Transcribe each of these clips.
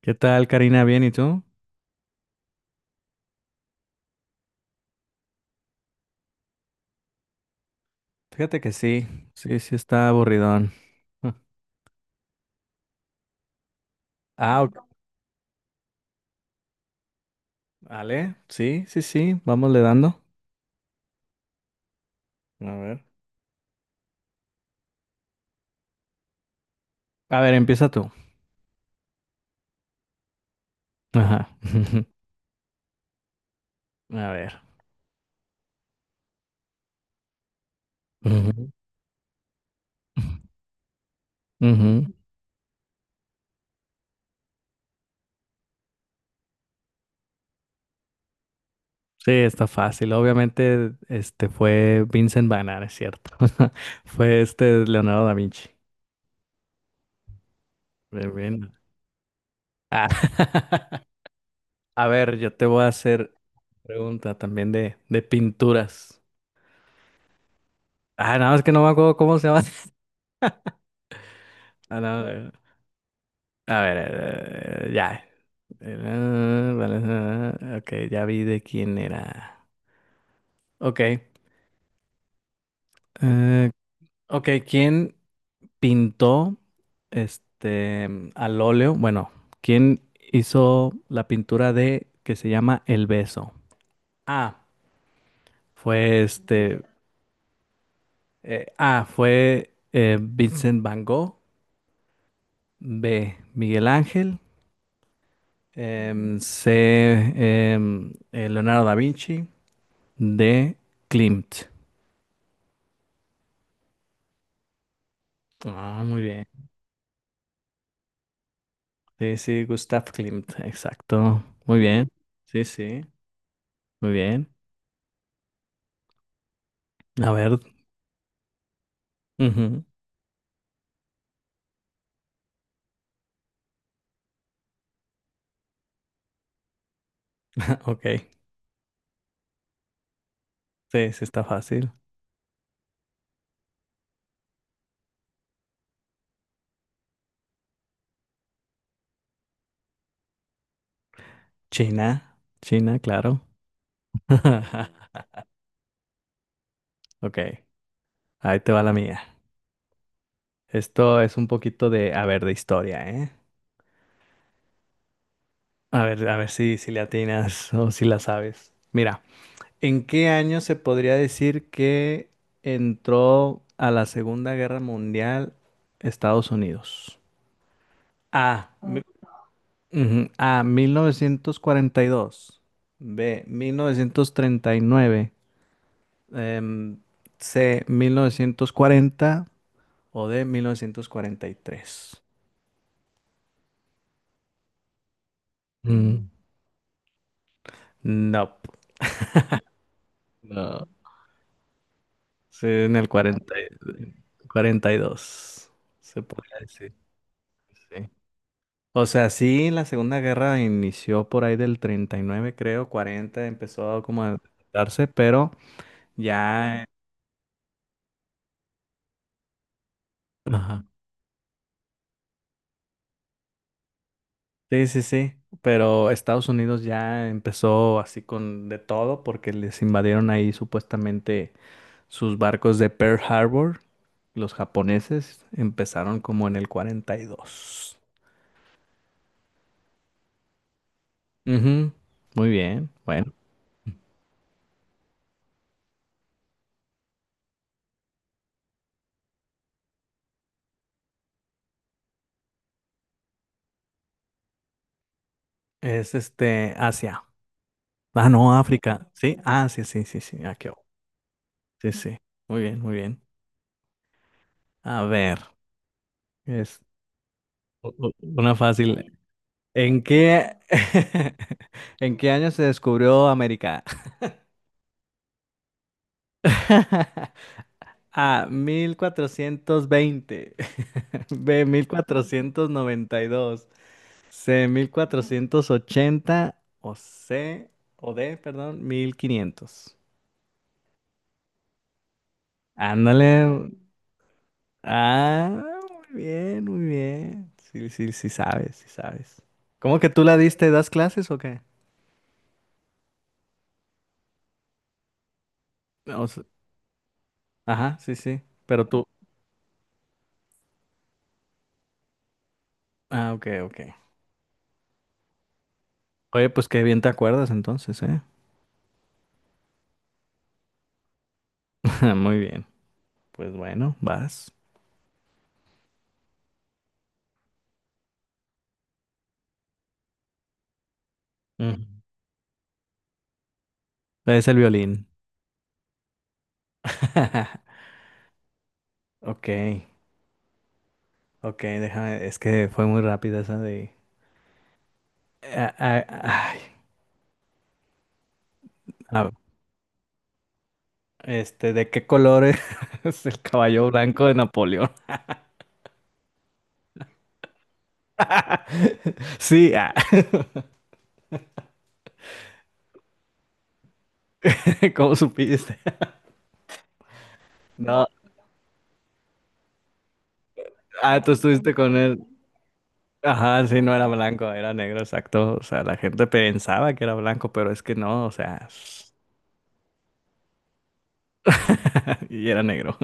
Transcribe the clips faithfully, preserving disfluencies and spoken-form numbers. ¿Qué tal, Karina? ¿Bien y tú? Fíjate que sí, sí, sí está aburridón. Ah, ok, vale, sí, sí, sí, vamos le dando. A ver. A ver, empieza tú. Ajá. A ver. Ujú. Ujú. Sí, está fácil. Obviamente, este fue Vincent Van Gogh, es cierto. Fue este Leonardo da Vinci. Bien, bien. Ah. A ver, yo te voy a hacer pregunta también de, de pinturas. Ah, nada más que no me acuerdo cómo se llama. Ah, no, a ver, eh, ya. Eh, vale, eh, ok, ya vi de quién era. Ok, eh, ok, ¿quién pintó este al óleo? Bueno, ¿quién hizo la pintura de que se llama El Beso? A. Fue este. Eh, A. Fue eh, Vincent Van Gogh. B. Miguel Ángel. em, C. em, eh, Leonardo da Vinci. D. Klimt. Ah, muy bien. Sí, sí, Gustav Klimt, exacto. Muy bien. Sí, sí, muy bien. A ver. Ujú. Ok. Sí, sí, está fácil. China, China, claro. Ok, ahí te va la mía. Esto es un poquito de, a ver, de historia, ¿eh? A ver, a ver si, si le atinas o si la sabes. Mira, ¿en qué año se podría decir que entró a la Segunda Guerra Mundial Estados Unidos? A, mi- ujú. A, mil novecientos cuarenta y dos. B, mil novecientos treinta y nueve. em, C, mil novecientos cuarenta o D, mil novecientos cuarenta y tres. Mm, no, no. Sí, en el cuarenta, y- cuarenta y dos, se podría decir, sí. O sea, sí, la Segunda Guerra inició por ahí del treinta y nueve, creo, cuarenta empezó como a darse, pero ya... Ajá. Sí, sí, sí, pero Estados Unidos ya empezó así con de todo porque les invadieron ahí supuestamente sus barcos de Pearl Harbor. Los japoneses empezaron como en el cuarenta y dos. Ujú, muy bien, bueno. Es este Asia. Ah, no, África. Sí, ah, sí, sí, sí, sí. Ah, qué bo- sí, sí. Muy bien, muy bien. A ver, es u- u- una fácil. ¿En qué, en qué año se descubrió América? A, mil cuatrocientos veinte. B, mil cuatrocientos noventa y dos. C, mil cuatrocientos ochenta. O C, o D, perdón, mil quinientos. Ándale. Ah, muy bien, muy bien. Sí, sí, sí sabes, sí sabes. ¿Cómo que tú la diste? ¿Das clases o qué? O se- ajá, sí, sí. Pero tú. Ah, ok, ok. Oye, pues qué bien te acuerdas entonces, ¿eh? Muy bien. Pues bueno, vas. Es el violín. Ok, ok, déjame, es que fue muy rápida esa de... Ah, ah, ay, ah, este, ¿de qué color es es el caballo blanco de Napoleón? Sí, ah, ¿cómo supiste? No, ah, tú estuviste con él. Ajá, sí, no era blanco, era negro, exacto. O sea, la gente pensaba que era blanco, pero es que no, o sea, y era negro.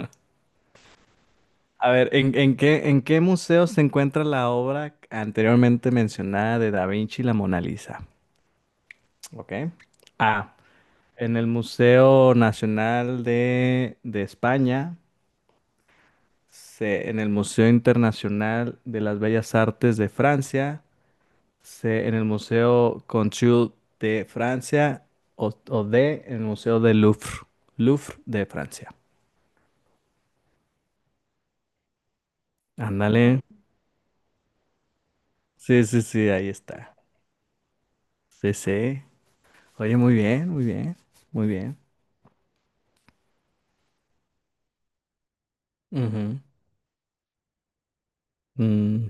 A ver, ¿en, en qué, en qué museo se encuentra la obra anteriormente mencionada de Da Vinci y la Mona Lisa? ¿Ok? A. En el Museo Nacional de, de España. C. En el Museo Internacional de las Bellas Artes de Francia. C. En el Museo Conchul de Francia. O, o D. En el Museo del Louvre. Louvre de Francia. Ándale. Sí, sí, sí, ahí está. Sí, sí. Oye, muy bien, muy bien, muy bien. Ujú. Mm,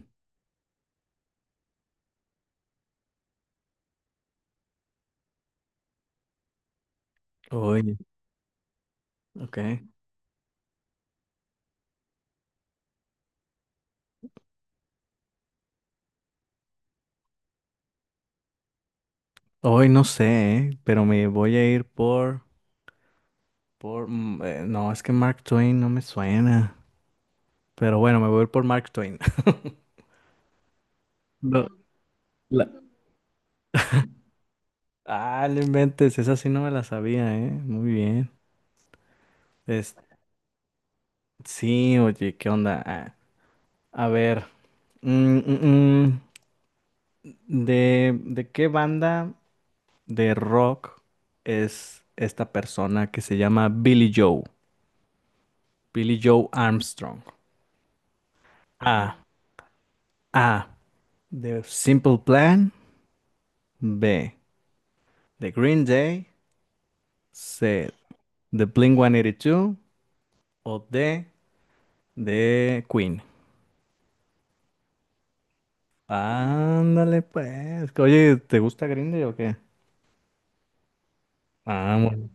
Oye, ok. Hoy no sé, eh, pero me voy a ir por, por, mm, eh, no, es que Mark Twain no me suena. Pero bueno, me voy a ir por Mark Twain. No, la- ah, no inventes, esa sí no me la sabía, ¿eh? Muy bien. Es... Sí, oye, ¿qué onda? Ah, a ver, mm, mm, mm, ¿De, de qué banda de rock es esta persona que se llama Billy Joe? Billy Joe Armstrong. A. A. The Simple Plan. B. The Green Day. C. The Blink ciento ochenta y dos. O D. The Queen. Ándale, pues. Oye, ¿te gusta Green Day o qué? Ah, bueno.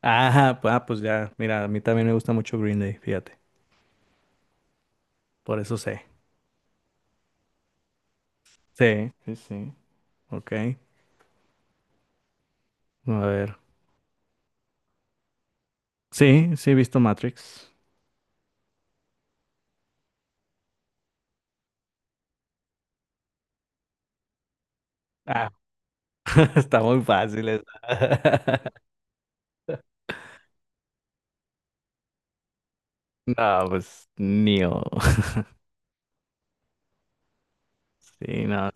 Ajá, pues, ah, pues ya. Mira, a mí también me gusta mucho Green Day, fíjate. Por eso sé. Sí, sí, sí. Ok. A ver. Sí, sí, he visto Matrix. Ah, está muy fácil esa. No, pues Neo. Sí, no,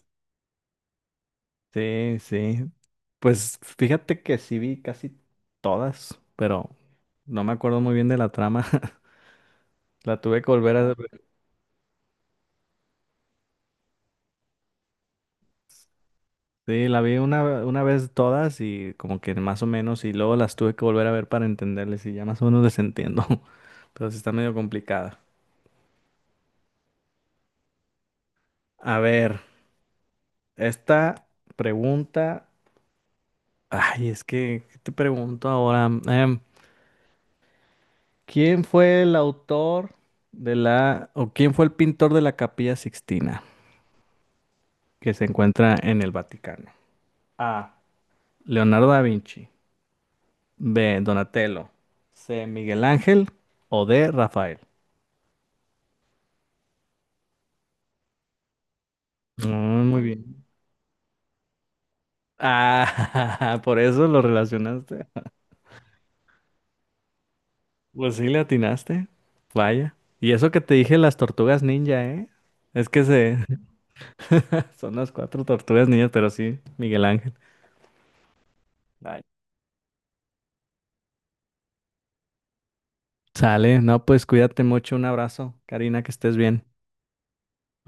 sí, sí. Pues fíjate que sí vi casi todas, pero no me acuerdo muy bien de la trama. La tuve que volver a ver. Sí, la vi una, una vez todas y como que más o menos, y luego las tuve que volver a ver para entenderles y ya más o menos les entiendo. Pero sí está medio complicada. A ver, esta pregunta. Ay, es que, ¿qué te pregunto ahora? Em, ¿Quién fue el autor de la, o quién fue el pintor de la Capilla Sixtina que se encuentra en el Vaticano? A. Leonardo da Vinci. B. Donatello. C. Miguel Ángel. O D. Rafael. Mm, muy bien. Ah, por eso lo relacionaste. Pues sí, le atinaste. Vaya. Y eso que te dije las tortugas ninja, ¿eh? Es que se... son las cuatro tortugas ninjas, pero sí, Miguel Ángel. Sale, no, pues cuídate mucho, un abrazo, Karina, que estés bien.